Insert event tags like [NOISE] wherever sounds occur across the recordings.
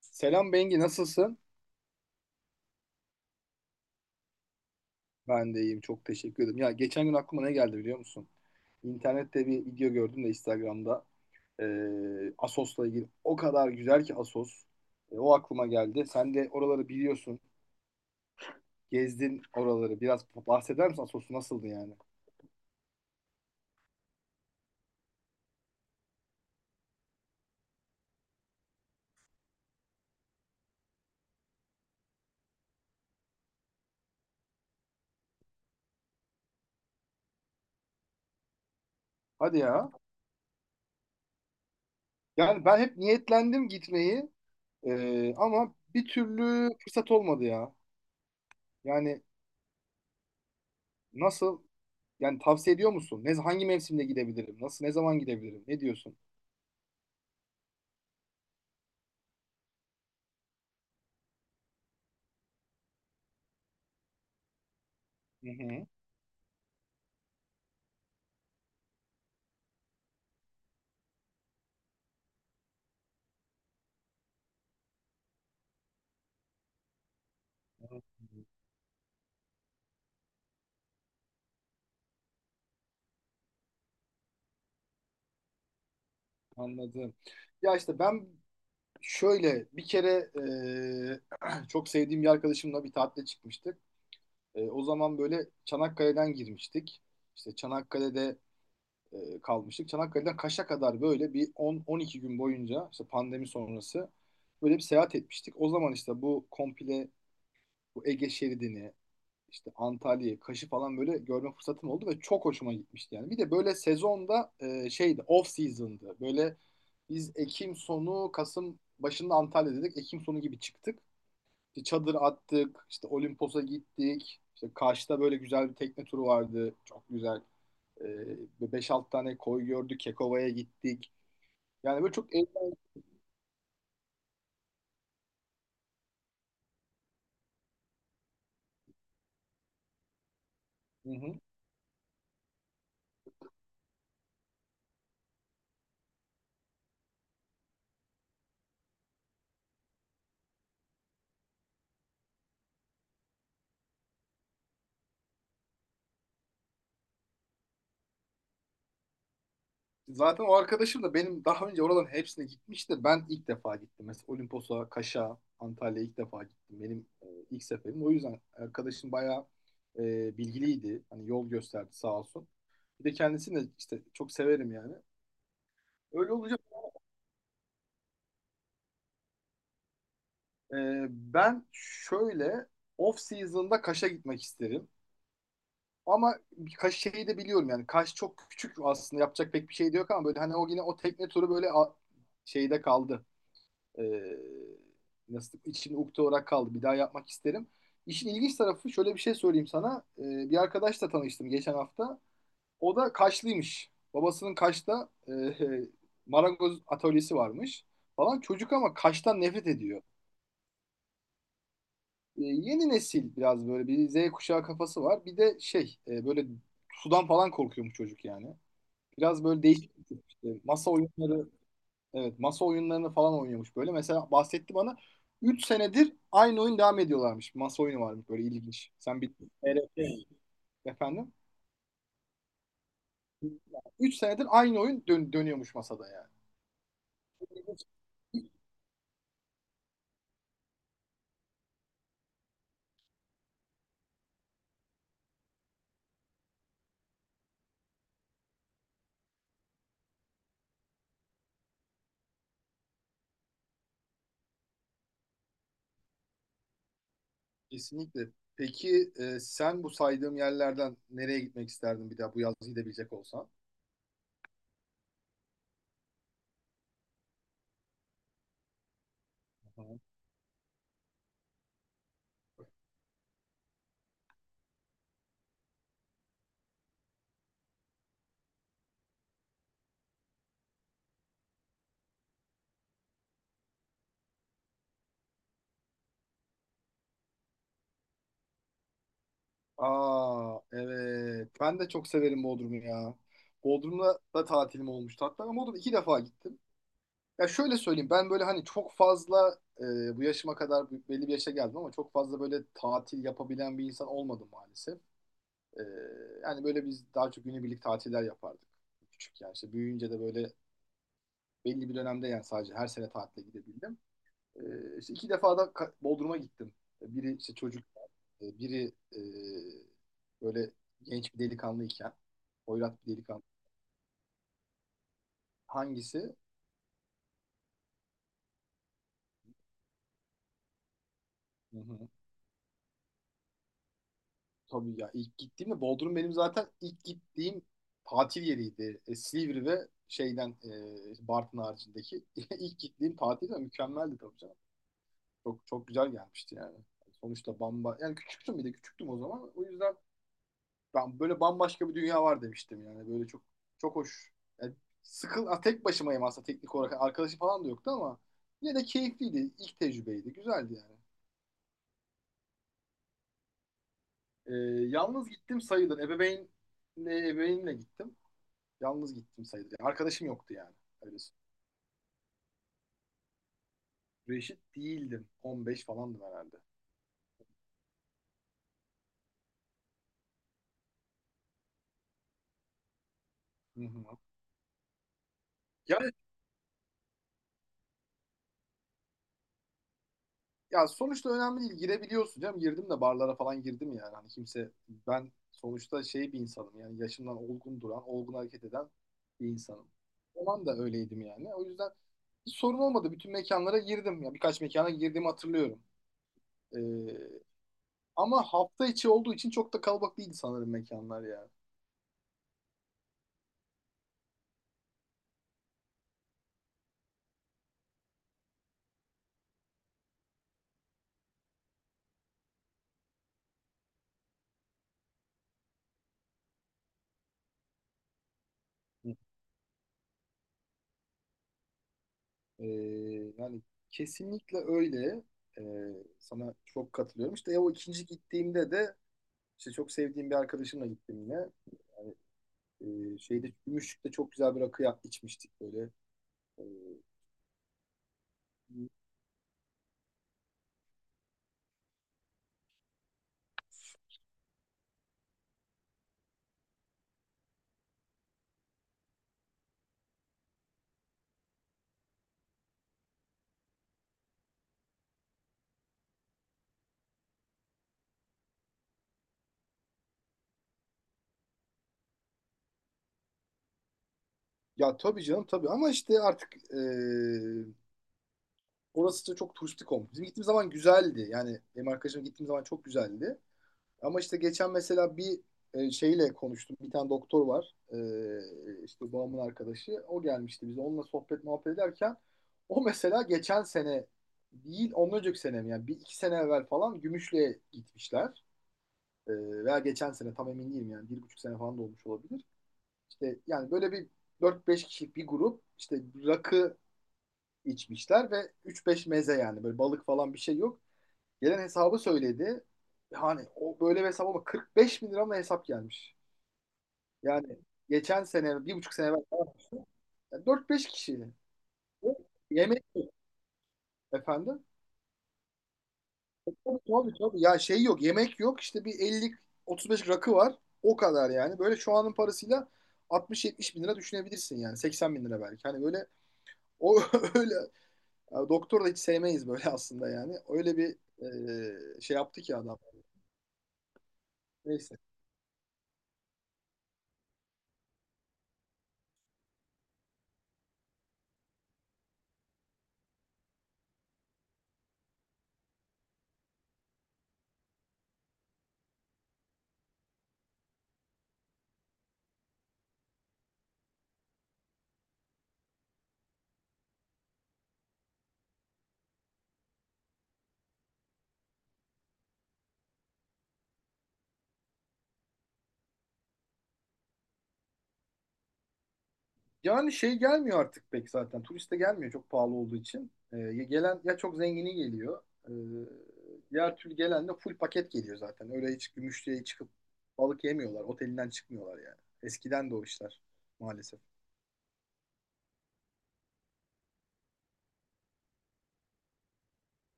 Selam Bengi, nasılsın? Ben de iyiyim, çok teşekkür ederim. Ya geçen gün aklıma ne geldi biliyor musun? İnternette bir video gördüm de Instagram'da. Asos'la ilgili. O kadar güzel ki Asos. O aklıma geldi. Sen de oraları biliyorsun. Gezdin oraları. Biraz bahseder misin, Asos'u nasıldı yani? Hadi ya. Yani ben hep niyetlendim gitmeyi. Ama bir türlü fırsat olmadı ya. Yani nasıl? Yani tavsiye ediyor musun? Ne, hangi mevsimde gidebilirim? Nasıl? Ne zaman gidebilirim? Ne diyorsun? Hı hı. Anladım. Ya işte ben şöyle bir kere [CLEARS THROAT] çok sevdiğim bir arkadaşımla bir tatile çıkmıştık. O zaman böyle Çanakkale'den girmiştik. İşte Çanakkale'de e, kalmıştık. Çanakkale'den Kaş'a kadar böyle bir 10-12 gün boyunca işte pandemi sonrası böyle bir seyahat etmiştik. O zaman işte bu komple. Bu Ege şeridini, işte Antalya'yı, Kaş'ı falan böyle görme fırsatım oldu ve çok hoşuma gitmişti yani. Bir de böyle sezonda şeydi, off season'dı. Böyle biz Ekim sonu, Kasım başında Antalya dedik. Ekim sonu gibi çıktık. İşte çadır attık, işte Olimpos'a gittik. İşte Kaş'ta böyle güzel bir tekne turu vardı. Çok güzel. Beş 6 tane koy gördük. Kekova'ya gittik. Yani böyle çok eğlenceli. Zaten o arkadaşım da benim daha önce oraların hepsine gitmişti. Ben ilk defa gittim. Mesela Olimpos'a, Kaş'a, Antalya'ya ilk defa gittim. Benim ilk seferim. O yüzden arkadaşım bayağı bilgiliydi. Hani yol gösterdi sağ olsun. Bir de kendisini de işte çok severim yani. Öyle olacak. E, ben şöyle off season'da Kaş'a gitmek isterim. Ama bir Kaş şeyi de biliyorum yani. Kaş çok küçük, aslında yapacak pek bir şey de yok ama böyle hani o yine o tekne turu böyle şeyde kaldı. Ee, nasıl içimde ukde olarak kaldı. Bir daha yapmak isterim. İşin ilginç tarafı, şöyle bir şey söyleyeyim sana. Bir arkadaşla tanıştım geçen hafta. O da Kaşlıymış. Babasının Kaş'ta [LAUGHS] marangoz atölyesi varmış falan. Çocuk ama Kaş'tan nefret ediyor. Yeni nesil biraz böyle bir Z kuşağı kafası var. Bir de şey böyle sudan falan korkuyormuş çocuk yani. Biraz böyle değişik bir tip. İşte masa oyunları. Evet, masa oyunlarını falan oynuyormuş böyle. Mesela bahsetti bana, 3 senedir aynı oyun devam ediyorlarmış. Masa oyunu varmış böyle ilginç. Sen bir TRT. Efendim? 3 senedir aynı oyun dönüyormuş masada yani. Kesinlikle. Peki sen bu saydığım yerlerden nereye gitmek isterdin bir daha bu yaz gidebilecek olsan? Hı hı. Aa, evet. Ben de çok severim Bodrum'u ya. Bodrum'da da tatilim olmuştu. Hatta ben Bodrum 2 defa gittim. Ya şöyle söyleyeyim, ben böyle hani çok fazla bu yaşıma kadar belli bir yaşa geldim ama çok fazla böyle tatil yapabilen bir insan olmadım maalesef. E, yani böyle biz daha çok günübirlik tatiller yapardık küçük, yani işte büyüyünce de böyle belli bir dönemde, yani sadece her sene tatile gidebildim. E, işte 2 defa da Bodrum'a gittim. Biri işte çocuk, biri e, böyle genç bir delikanlıyken, hoyrat bir delikanlı. Hangisi? Hı hı. Tabii ya, ilk gittiğimde Bodrum benim zaten ilk gittiğim tatil yeriydi. Silivri ve şeyden Bartın haricindeki [LAUGHS] ilk gittiğim tatil de mükemmeldi tabii canım. Çok çok güzel gelmişti yani. Sonuçta yani küçüktüm, bir de küçüktüm o zaman. O yüzden ben böyle bambaşka bir dünya var demiştim yani. Böyle çok çok hoş. Yani ha, tek başımayım aslında teknik olarak. Yani arkadaşım falan da yoktu ama yine de keyifliydi. İlk tecrübeydi. Güzeldi yani. E, yalnız gittim sayılır. Ebeveynle gittim. Yalnız gittim sayılır. Yani arkadaşım yoktu yani. Öyle. Reşit değildim. 15 falandım herhalde. Hı hı. Yani ya, sonuçta önemli değil. Girebiliyorsun canım. Girdim, de barlara falan girdim yani. Hani kimse, ben sonuçta şey bir insanım yani, yaşımdan olgun duran, olgun hareket eden bir insanım. O zaman da öyleydim yani. O yüzden hiç sorun olmadı. Bütün mekanlara girdim. Ya, birkaç mekana girdiğimi hatırlıyorum. Ee, ama hafta içi olduğu için çok da kalabalık değildi sanırım mekanlar ya. Ee, yani kesinlikle öyle. Ee, sana çok katılıyorum. İşte o ikinci gittiğimde de işte çok sevdiğim bir arkadaşımla gittim yine. Şeyde, Gümüşlük'te çok güzel bir rakı içmiştik böyle. Ee, ya tabii canım tabii, ama işte artık orası da çok turistik olmuş. Bizim gittiğimiz zaman güzeldi. Yani benim arkadaşım gittiğim zaman çok güzeldi. Ama işte geçen mesela bir şeyle konuştum. Bir tane doktor var. İşte babamın arkadaşı. O gelmişti bize. Onunla sohbet muhabbet ederken, o mesela geçen sene değil ondan önceki sene mi? Yani 1-2 sene evvel falan Gümüşlü'ye gitmişler. E, veya geçen sene, tam emin değilim yani. 1,5 sene falan da olmuş olabilir. İşte yani böyle bir 4-5 kişilik bir grup, işte rakı içmişler ve 3-5 meze, yani böyle balık falan bir şey yok. Gelen hesabı söyledi. Yani o böyle bir hesap ama, 45 bin lira mı hesap gelmiş. Yani geçen sene, 1,5 sene evvel falan yapmıştım. Yani 4-5 kişi. Bu Yemek. Efendim? Tabii, tabii, tabii. Ya şey yok, yemek yok. İşte bir 50-35 rakı var. O kadar yani. Böyle şu anın parasıyla 60-70 bin lira düşünebilirsin yani. 80 bin lira belki. Hani böyle, o [LAUGHS] öyle, ya doktor da hiç sevmeyiz böyle aslında yani. Öyle bir şey yaptı ki adam. Neyse. Yani şey gelmiyor artık pek zaten. Turiste gelmiyor, çok pahalı olduğu için. Ya gelen ya çok zengini geliyor. Ee, diğer türlü gelen de full paket geliyor zaten. Öyle hiç Gümüşlüğe çıkıp balık yemiyorlar. Otelinden çıkmıyorlar yani. Eskiden de o işler maalesef.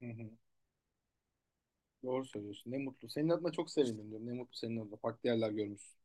Hı hı. Doğru söylüyorsun. Ne mutlu. Senin adına çok sevindim diyorum. Ne mutlu senin adına. Farklı yerler görmüşsün.